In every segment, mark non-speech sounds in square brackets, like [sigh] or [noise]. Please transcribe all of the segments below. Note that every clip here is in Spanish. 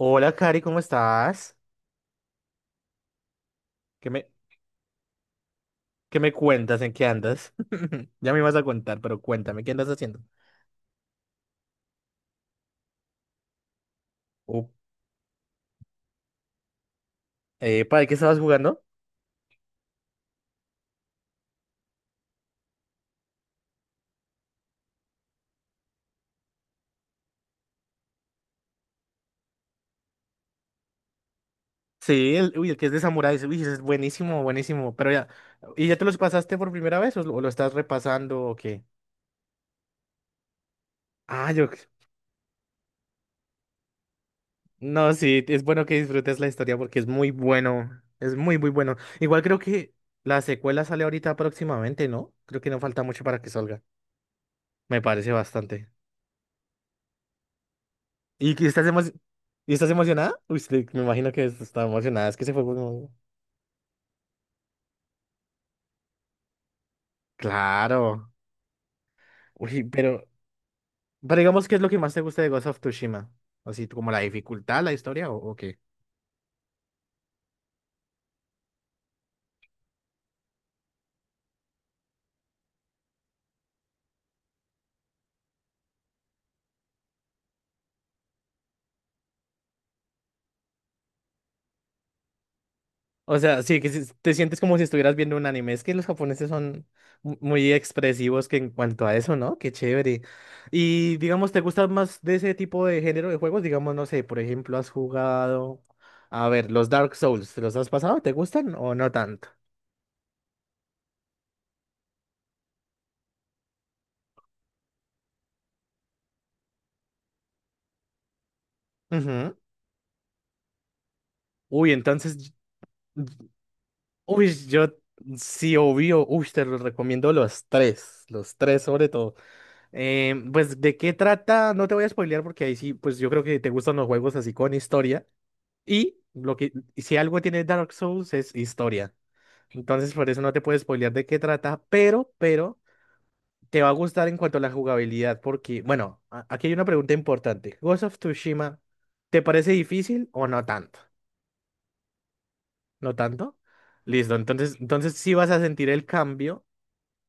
Hola, Cari, ¿cómo estás? ¿Qué me, qué me cuentas? ¿En qué andas? [laughs] Ya me ibas a contar, pero cuéntame, ¿qué andas haciendo? Uh, Epa, ¿de qué estabas jugando? Sí, el, uy, el que es de samuráis, uy, ese es buenísimo, buenísimo, pero ya, ¿y ya te los pasaste por primera vez o lo estás repasando o qué? Ah, yo, no, sí, es bueno que disfrutes la historia porque es muy bueno, es muy, muy bueno. Igual creo que la secuela sale ahorita próximamente, ¿no? Creo que no falta mucho para que salga, me parece bastante. ¿Y que estás emo- ¿Y estás emocionada? Uy, sí, me imagino que está emocionada, es que se fue. Claro. Uy, pero, pero digamos, ¿qué es lo que más te gusta de Ghost of Tsushima? Así, como la dificultad, la historia o qué? O sea, sí, que te sientes como si estuvieras viendo un anime. Es que los japoneses son muy expresivos que en cuanto a eso, ¿no? Qué chévere. Y digamos, ¿te gusta más de ese tipo de género de juegos? Digamos, no sé, por ejemplo, has jugado... A ver, los Dark Souls, ¿te los has pasado? ¿Te gustan o no tanto? Ujú. Uy, entonces, uy, yo sí, obvio, uy, te los recomiendo los tres sobre todo. ¿De qué trata? No te voy a spoilear porque ahí sí, pues yo creo que te gustan los juegos así con historia. Y lo que, si algo tiene Dark Souls es historia. Entonces, por eso no te puedo spoilear de qué trata, te va a gustar en cuanto a la jugabilidad porque, bueno, aquí hay una pregunta importante. ¿Ghost of Tsushima, ¿te parece difícil o no tanto? No tanto. Listo, entonces sí vas a sentir el cambio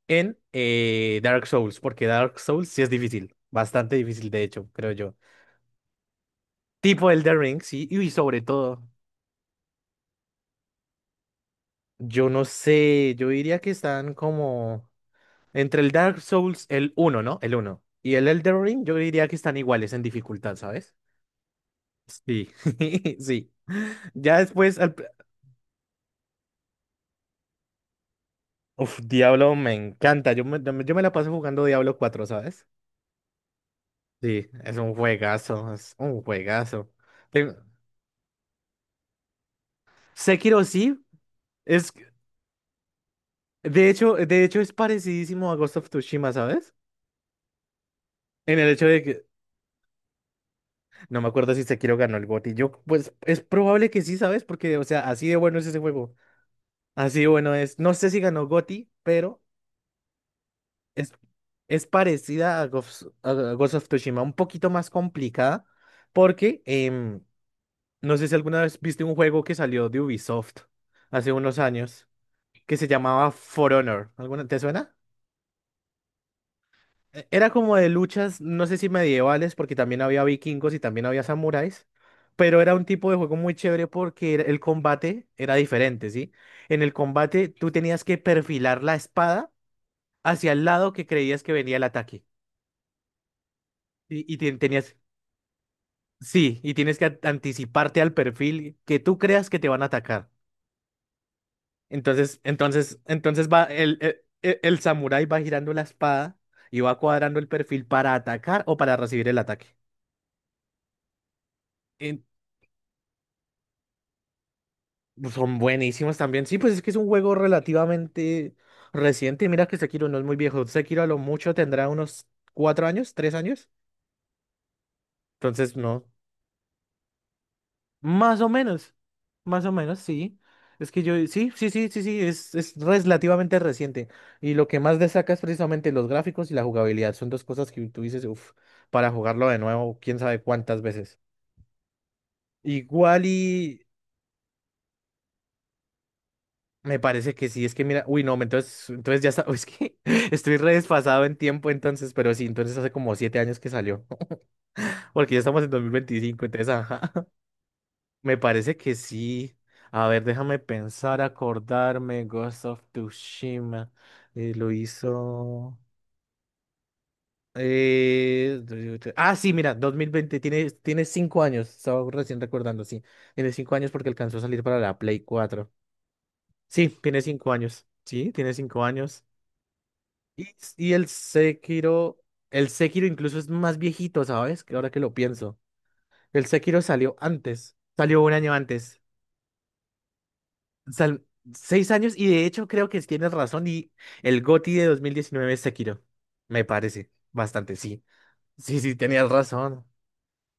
en Dark Souls, porque Dark Souls sí es difícil, bastante difícil de hecho, creo yo. Tipo Elden Ring, sí, y sobre todo, yo no sé, yo diría que están como entre el Dark Souls, el uno ¿no? El uno y el Elden Ring, yo diría que están iguales en dificultad, ¿sabes? Sí, [laughs] sí. Ya después, uf, Diablo me encanta, yo me la paso jugando Diablo cuatro ¿sabes? Sí, es un juegazo, es un juegazo. Te- Sekiro sí, es, de hecho es parecidísimo a Ghost of Tsushima, ¿sabes? En el hecho de que, no me acuerdo si Sekiro ganó el GOTY, yo, pues, es probable que sí, ¿sabes? Porque, o sea, así de bueno es ese juego, así de bueno es, no sé si ganó GOTY, pero es, es parecida a Ghost of Tsushima, un poquito más complicada, porque, no sé si alguna vez viste un juego que salió de Ubisoft hace unos años, que se llamaba For Honor. ¿Alguna, te suena? Era como de luchas, no sé si medievales, porque también había vikingos y también había samuráis, pero era un tipo de juego muy chévere porque el combate era diferente, ¿sí? En el combate tú tenías que perfilar la espada hacia el lado que creías que venía el ataque. Y tenías, sí, y tienes que anticiparte al perfil que tú creas que te van a atacar. Entonces va el, el samurái va girando la espada y va cuadrando el perfil para atacar o para recibir el ataque. En- pues, son buenísimos también. Sí, pues es que es un juego relativamente reciente. Mira que Sekiro no es muy viejo. Sekiro a lo mucho tendrá unos cuatro años, tres años. Entonces, no. Más o menos, más o menos, sí. Es que yo, sí, sí, sí, sí, sí, es relativamente reciente. Y lo que más destaca es precisamente los gráficos y la jugabilidad. Son dos cosas que tú dices, uff, para jugarlo de nuevo, quién sabe cuántas veces. Igual y me parece que sí, es que mira, uy, no, entonces ya está, [laughs] es que estoy re desfasado en tiempo entonces, pero sí, entonces hace como siete años que salió, [laughs] porque ya estamos en 2025 entonces, ajá. Me parece que sí. A ver, déjame pensar, acordarme. Ghost of Tsushima. Lo hizo. eh, Ah, sí, mira, 2020 tiene, tiene 5 años. Estaba recién recordando, sí. Tiene 5 años porque alcanzó a salir para la Play cuatro. Sí, tiene 5 años. Sí, tiene cinco años. Y, y el Sekiro. El Sekiro incluso es más viejito, ¿sabes? Que ahora que lo pienso. El Sekiro salió antes. Salió un año antes. Sal- 6 años y de hecho creo que tienes razón y el GOTY de 2019 es Sekiro. Me parece bastante, sí. Sí, sí, tenías razón.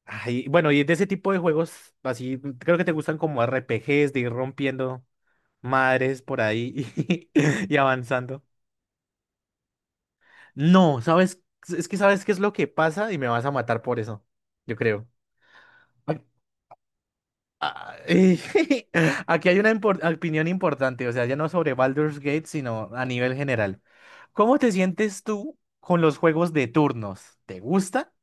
Ay, bueno, y de ese tipo de juegos así, creo que te gustan como RPGs de ir rompiendo madres por ahí y, [laughs] y avanzando. No, ¿sabes? Es que sabes qué es lo que pasa y me vas a matar por eso, yo creo. Ah, y [laughs] aquí hay una opinión importante, o sea, ya no sobre Baldur's Gate, sino a nivel general. ¿Cómo te sientes tú con los juegos de turnos? ¿Te gusta?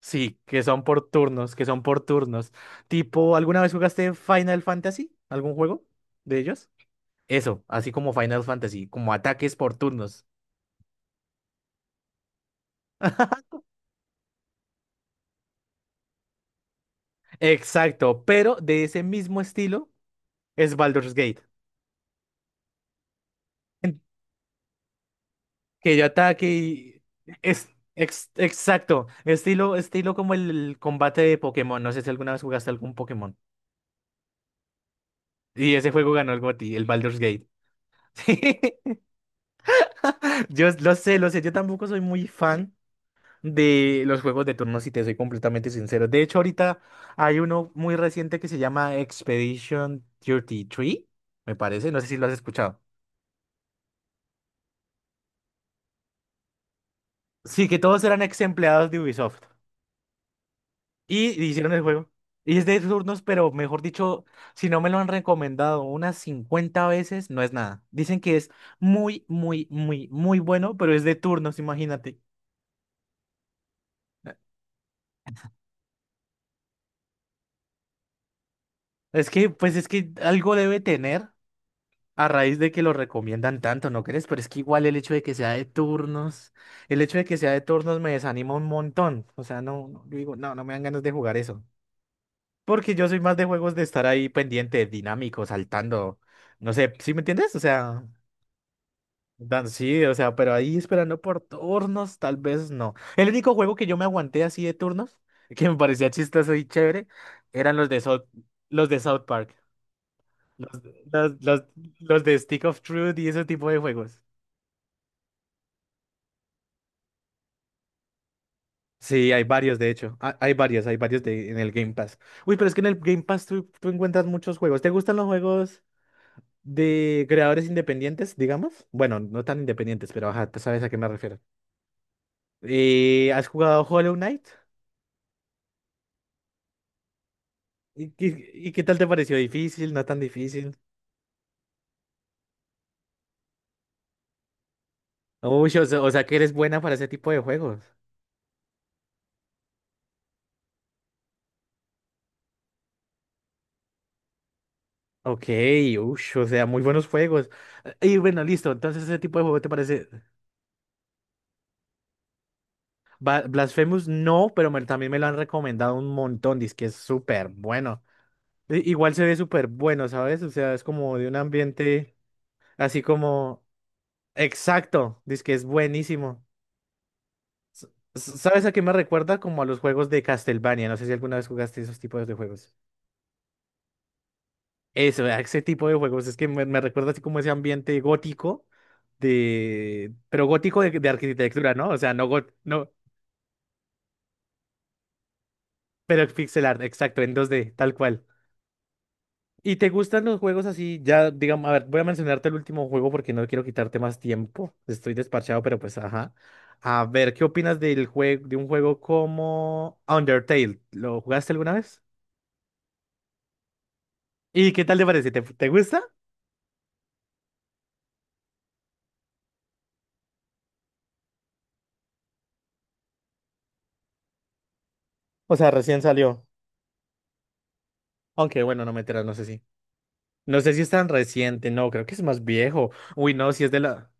Sí, que son por turnos, que son por turnos. Tipo, ¿alguna vez jugaste Final Fantasy? ¿Algún juego de ellos? Eso, así como Final Fantasy, como ataques por turnos. [laughs] Exacto, pero de ese mismo estilo es Baldur's Gate. Que yo ataque y... Es, exacto, estilo, estilo como el combate de Pokémon. No sé si alguna vez jugaste algún Pokémon. Y ese juego ganó el GOTY, el Baldur's Gate. [laughs] Yo lo sé, yo tampoco soy muy fan de los juegos de turnos, si te soy completamente sincero. De hecho, ahorita hay uno muy reciente que se llama Expedition 33, me parece, no sé si lo has escuchado. Sí, que todos eran ex empleados de Ubisoft. Y hicieron el juego. Y es de turnos, pero mejor dicho, si no me lo han recomendado unas 50 veces, no es nada. Dicen que es muy, muy, muy, muy bueno, pero es de turnos, imagínate. Es que, pues es que algo debe tener a raíz de que lo recomiendan tanto, ¿no crees? Pero es que igual el hecho de que sea de turnos, el hecho de que sea de turnos me desanima un montón. O sea, no, no, yo digo, no, no me dan ganas de jugar eso. Porque yo soy más de juegos de estar ahí pendiente, dinámico, saltando. No sé, ¿sí me entiendes? O sea. Sí, o sea, pero ahí esperando por turnos, tal vez no. El único juego que yo me aguanté así de turnos, [laughs] que me parecía chistoso y chévere, eran los de South Park, los, los, los, los de Stick of Truth y ese tipo de juegos. Sí, hay varios, de hecho. Hay varios de, en el Game Pass. Uy, pero es que en el Game Pass tú, tú encuentras muchos juegos. ¿Te gustan los juegos de creadores independientes, digamos? Bueno, no tan independientes, pero ajá, tú sabes a qué me refiero. ¿Has jugado Hollow Knight? Y qué tal te pareció? ¿Difícil? ¿No tan difícil? Uy, o sea que eres buena para ese tipo de juegos. Ok, uy, o sea, muy buenos juegos. Y bueno, listo. Entonces, ese tipo de juego te parece. Blasphemous no, pero también me lo han recomendado un montón. Dice que es súper bueno. Igual se ve súper bueno, ¿sabes? O sea, es como de un ambiente así como. Exacto, dice que es buenísimo. S- ¿Sabes a qué me recuerda? Como a los juegos de Castlevania. No sé si alguna vez jugaste esos tipos de juegos. Eso, ¿verdad? Ese tipo de juegos, es que me recuerda así como ese ambiente gótico de, pero gótico de arquitectura, ¿no? O sea, no got- no, pero pixel art, exacto, en dos d tal cual. ¿Y te gustan los juegos así? Ya, digamos, a ver, voy a mencionarte el último juego porque no quiero quitarte más tiempo. Estoy desparchado, pero pues, ajá. A ver, ¿qué opinas del juego, de un juego como Undertale? ¿Lo jugaste alguna vez? ¿Y qué tal te parece? ¿Te, te gusta? O sea, recién salió. Aunque bueno, no me enteras, no sé si. No sé si es tan reciente, no, creo que es más viejo. Uy, no, si es de la,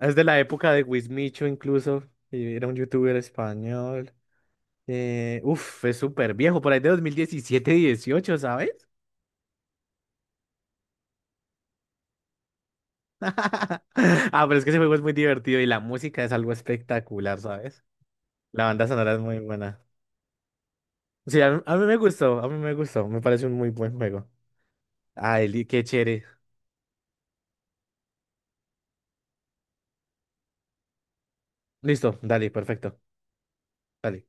es de la época de Wismicho incluso. Y era un youtuber español. Uf, es súper viejo, por ahí de 2017, dieciocho, ¿sabes? [laughs] Ah, pero es que ese juego es muy divertido y la música es algo espectacular, ¿sabes? La banda sonora es muy buena. Sí, a mí me gustó, a mí me gustó, me parece un muy buen juego. Ay, qué chévere. Listo, dale, perfecto. Dale.